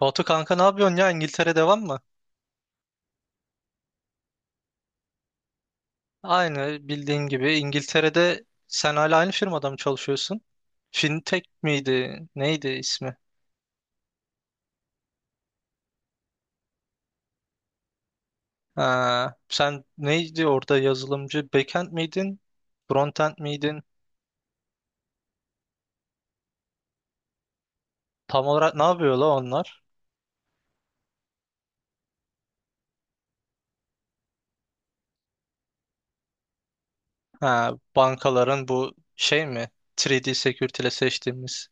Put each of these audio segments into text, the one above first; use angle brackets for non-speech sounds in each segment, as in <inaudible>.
Batu kanka ne yapıyorsun ya? İngiltere devam mı? Aynı bildiğin gibi İngiltere'de sen hala aynı firmada mı çalışıyorsun? Fintech miydi? Neydi ismi? Ha, sen neydi orada yazılımcı? Backend miydin? Frontend miydin? Tam olarak ne yapıyor la onlar? Ha, bankaların bu şey mi? 3D Security ile seçtiğimiz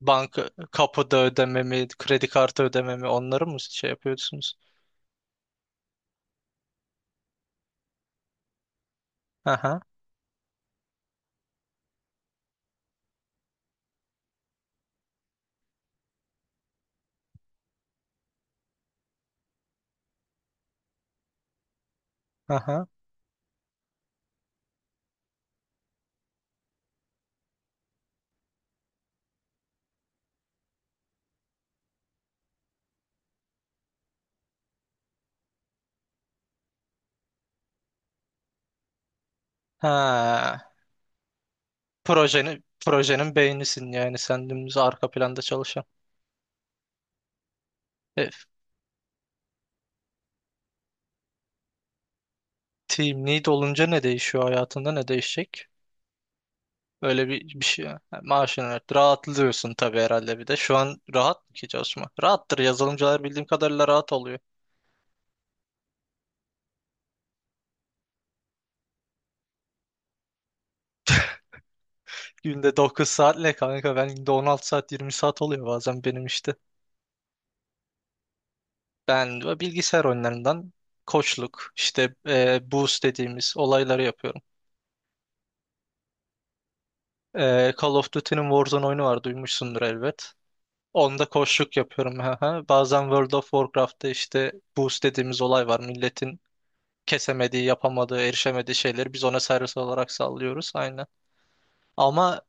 banka kapıda ödememi, kredi kartı ödememi onları mı şey yapıyorsunuz? Aha, aha. Ha. Projenin beynisin yani sen dümdüz arka planda çalışan. E, Team lead olunca ne değişiyor hayatında ne değişecek? Öyle bir şey. Yani maaşını ver. Rahatlıyorsun tabii herhalde bir de. Şu an rahat mı ki çalışma? Rahattır. Yazılımcılar bildiğim kadarıyla rahat oluyor. Günde 9 saat ne kanka? Ben günde 16 saat 20 saat oluyor bazen benim işte. Ben de bilgisayar oyunlarından koçluk işte boost dediğimiz olayları yapıyorum. Call of Duty'nin Warzone oyunu var duymuşsundur elbet. Onda koçluk yapıyorum. Hı hı. Bazen World of Warcraft'ta işte boost dediğimiz olay var. Milletin kesemediği, yapamadığı, erişemediği şeyleri biz ona servis olarak sallıyoruz. Aynen. Ama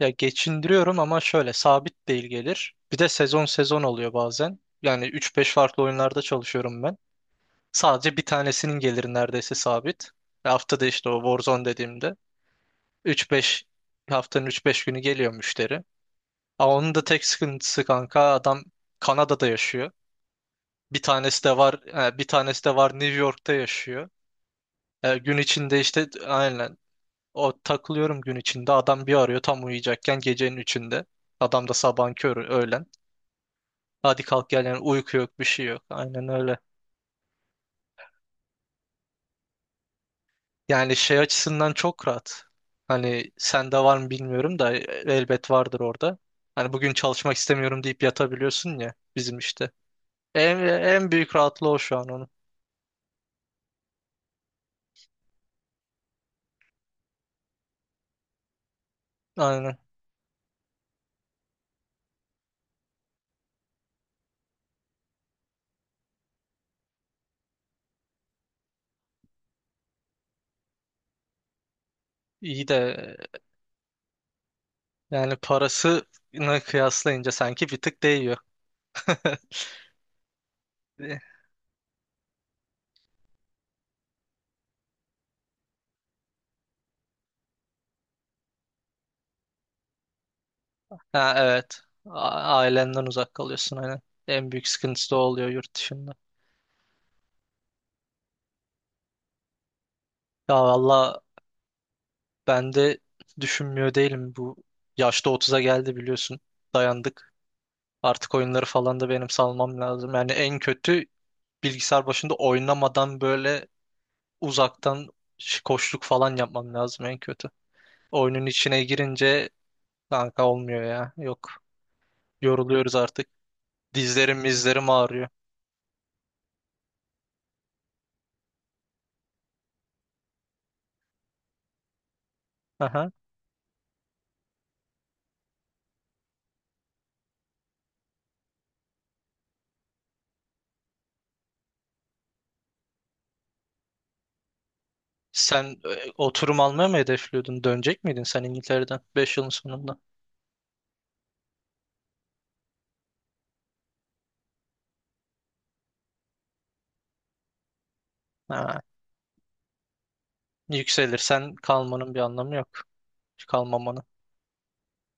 ya geçindiriyorum ama şöyle sabit değil gelir. Bir de sezon sezon oluyor bazen. Yani üç beş farklı oyunlarda çalışıyorum ben. Sadece bir tanesinin geliri neredeyse sabit. Ve haftada işte o Warzone dediğimde üç beş haftanın üç beş günü geliyor müşteri. Ama onun da tek sıkıntısı kanka adam Kanada'da yaşıyor. Bir tanesi de var, bir tanesi de var New York'ta yaşıyor. Gün içinde işte aynen o takılıyorum gün içinde. Adam bir arıyor tam uyuyacakken gecenin üçünde. Adam da sabahın körü öğlen. Hadi kalk gel yani uyku yok bir şey yok. Aynen öyle. Yani şey açısından çok rahat. Hani sende var mı bilmiyorum da elbet vardır orada. Hani bugün çalışmak istemiyorum deyip yatabiliyorsun ya bizim işte. En büyük rahatlığı o şu an onun. Aynen. İyi de yani parasını kıyaslayınca sanki bir tık değiyor. <laughs> Ha, evet. A- Ailenden uzak kalıyorsun aynen. En büyük sıkıntısı da o oluyor yurt dışında. Ya valla ben de düşünmüyor değilim bu. Yaşta 30'a geldi biliyorsun. Dayandık. Artık oyunları falan da benim salmam lazım. Yani en kötü bilgisayar başında oynamadan böyle uzaktan koşluk falan yapmam lazım en kötü. Oyunun içine girince kanka olmuyor ya. Yok. Yoruluyoruz artık. Dizlerim mizlerim ağrıyor. Aha. Sen oturum almaya mı hedefliyordun? Dönecek miydin sen İngiltere'den 5 yılın sonunda? Ha. Yükselirsen kalmanın bir anlamı yok. Kalmamanın.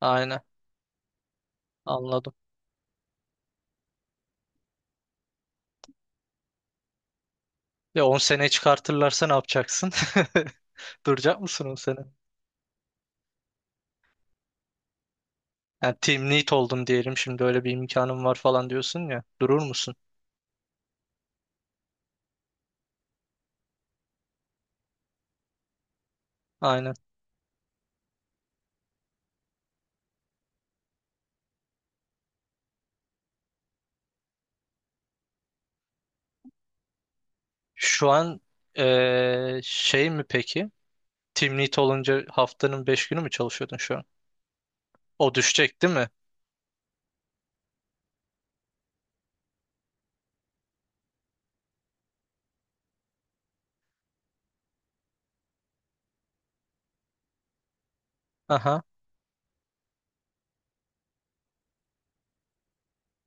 Aynen, anladım. Ya 10 sene çıkartırlarsa ne yapacaksın? <laughs> Duracak mısın 10 sene? Yani team lead oldum diyelim şimdi öyle bir imkanım var falan diyorsun ya. Durur musun? Aynen. Şu an şey mi peki? Team lead olunca haftanın 5 günü mü çalışıyordun şu an? O düşecek değil mi? Aha.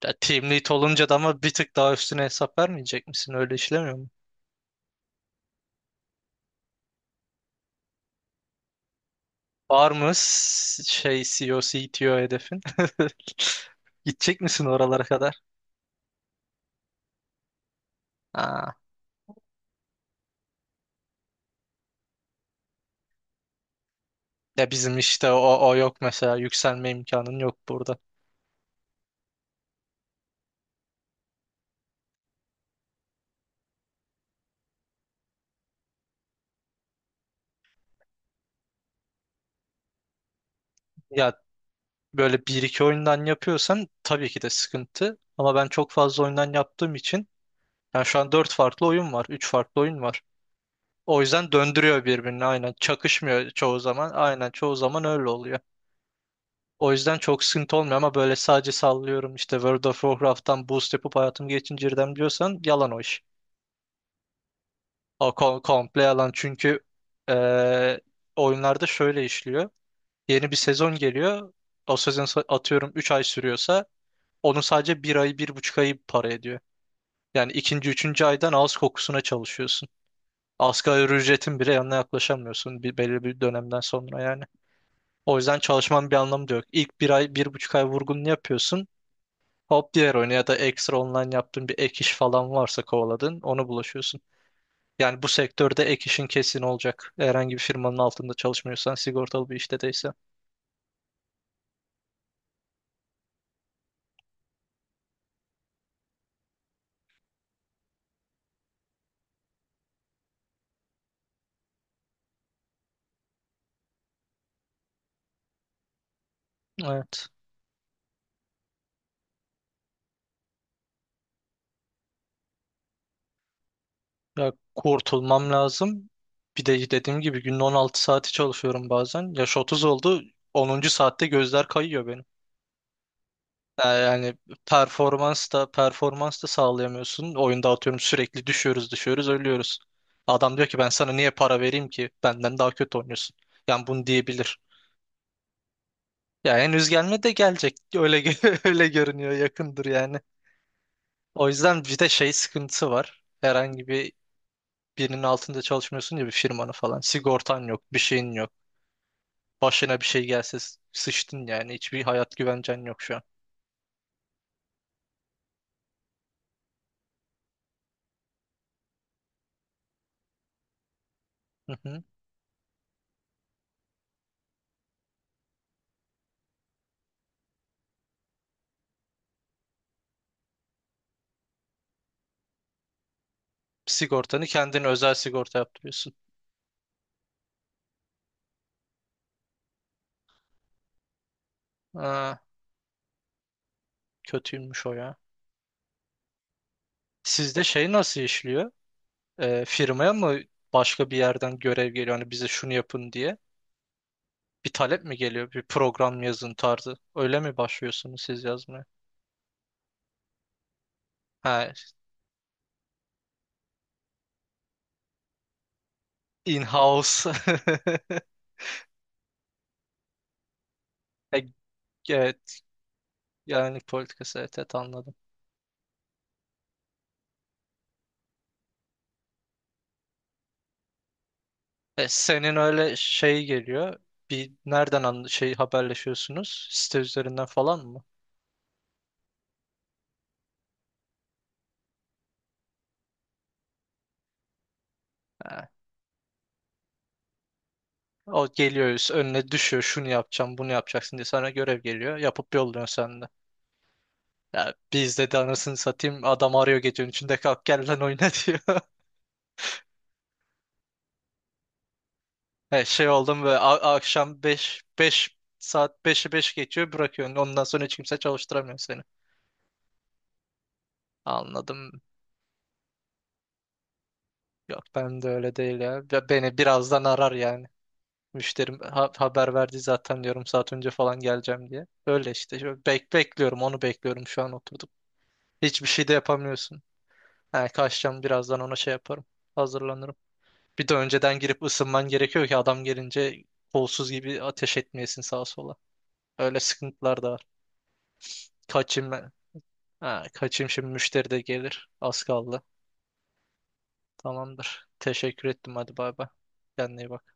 Ya, team lead olunca da ama bir tık daha üstüne hesap vermeyecek misin? Öyle işlemiyor mu? Var mı şey CEO, CTO hedefin? <laughs> Gidecek misin oralara kadar? Aa. Ya bizim işte o, o yok mesela. Yükselme imkanın yok burada. Ya böyle bir iki oyundan yapıyorsan tabii ki de sıkıntı. Ama ben çok fazla oyundan yaptığım için yani şu an dört farklı oyun var. Üç farklı oyun var. O yüzden döndürüyor birbirini aynen. Çakışmıyor çoğu zaman. Aynen çoğu zaman öyle oluyor. O yüzden çok sıkıntı olmuyor ama böyle sadece sallıyorum işte World of Warcraft'tan boost yapıp hayatım geçindirdim diyorsan yalan o iş. Komple yalan çünkü eee, oyunlarda şöyle işliyor. Yeni bir sezon geliyor. O sezon atıyorum 3 ay sürüyorsa onun sadece 1 ayı 1,5 ayı para ediyor. Yani ikinci, üçüncü aydan ağız kokusuna çalışıyorsun. Asgari ücretin bile yanına yaklaşamıyorsun bir, belli bir dönemden sonra yani. O yüzden çalışmanın bir anlamı da yok. İlk 1 ay, 1,5 ay vurgununu yapıyorsun. Hop diğer oyuna ya da ekstra online yaptığın bir ek iş falan varsa kovaladın, onu bulaşıyorsun. Yani bu sektörde ek işin kesin olacak. Herhangi bir firmanın altında çalışmıyorsan, sigortalı bir işte değilse. Evet. Ya kurtulmam lazım. Bir de dediğim gibi günde 16 saati çalışıyorum bazen. Yaş 30 oldu. 10. saatte gözler kayıyor benim. Yani performans da performans da sağlayamıyorsun. Oyunda atıyorum sürekli düşüyoruz düşüyoruz ölüyoruz. Adam diyor ki ben sana niye para vereyim ki? Benden daha kötü oynuyorsun. Yani bunu diyebilir. Ya henüz gelme de gelecek. <laughs> Öyle görünüyor yakındır yani. O yüzden bir de şey sıkıntısı var. Herhangi bir birinin altında çalışmıyorsun ya bir firmanın falan. Sigortan yok, bir şeyin yok. Başına bir şey gelse sıçtın yani. Hiçbir hayat güvencen yok şu an. Hı hı. Sigortanı kendin özel sigorta yaptırıyorsun. Kötüymüş o ya. Sizde şey nasıl işliyor? Firmaya mı başka bir yerden görev geliyor? Hani bize şunu yapın diye. Bir talep mi geliyor? Bir program yazın tarzı. Öyle mi başlıyorsunuz siz yazmaya? Ha, in-house. <laughs> E, Evet. Yani politikası. Evet, evet anladım. Senin öyle şey geliyor. Bir nereden şey haberleşiyorsunuz? Site üzerinden falan mı? Ha, o geliyor önüne düşüyor şunu yapacağım bunu yapacaksın diye sana görev geliyor yapıp yolluyorsun sen de. Ya biz dedi anasını satayım adam arıyor gecenin içinde kalk gel lan oyna <laughs> diyor. He, şey oldum ve akşam 5 5 saat beş'i 5 geçiyor bırakıyorsun. Ondan sonra hiç kimse çalıştıramıyor seni. Anladım. Yok ben de öyle değil ya. Ya beni birazdan arar yani. Müşterim haber verdi zaten diyorum saat önce falan geleceğim diye. Öyle işte. Şöyle bekliyorum onu bekliyorum şu an oturdum. Hiçbir şey de yapamıyorsun. He, kaçacağım birazdan ona şey yaparım. Hazırlanırım. Bir de önceden girip ısınman gerekiyor ki adam gelince kolsuz gibi ateş etmeyesin sağa sola. Öyle sıkıntılar da var. Kaçayım ben. Ha, kaçayım şimdi müşteri de gelir. Az kaldı. Tamamdır. Teşekkür ettim hadi bay bay. Kendine iyi bak.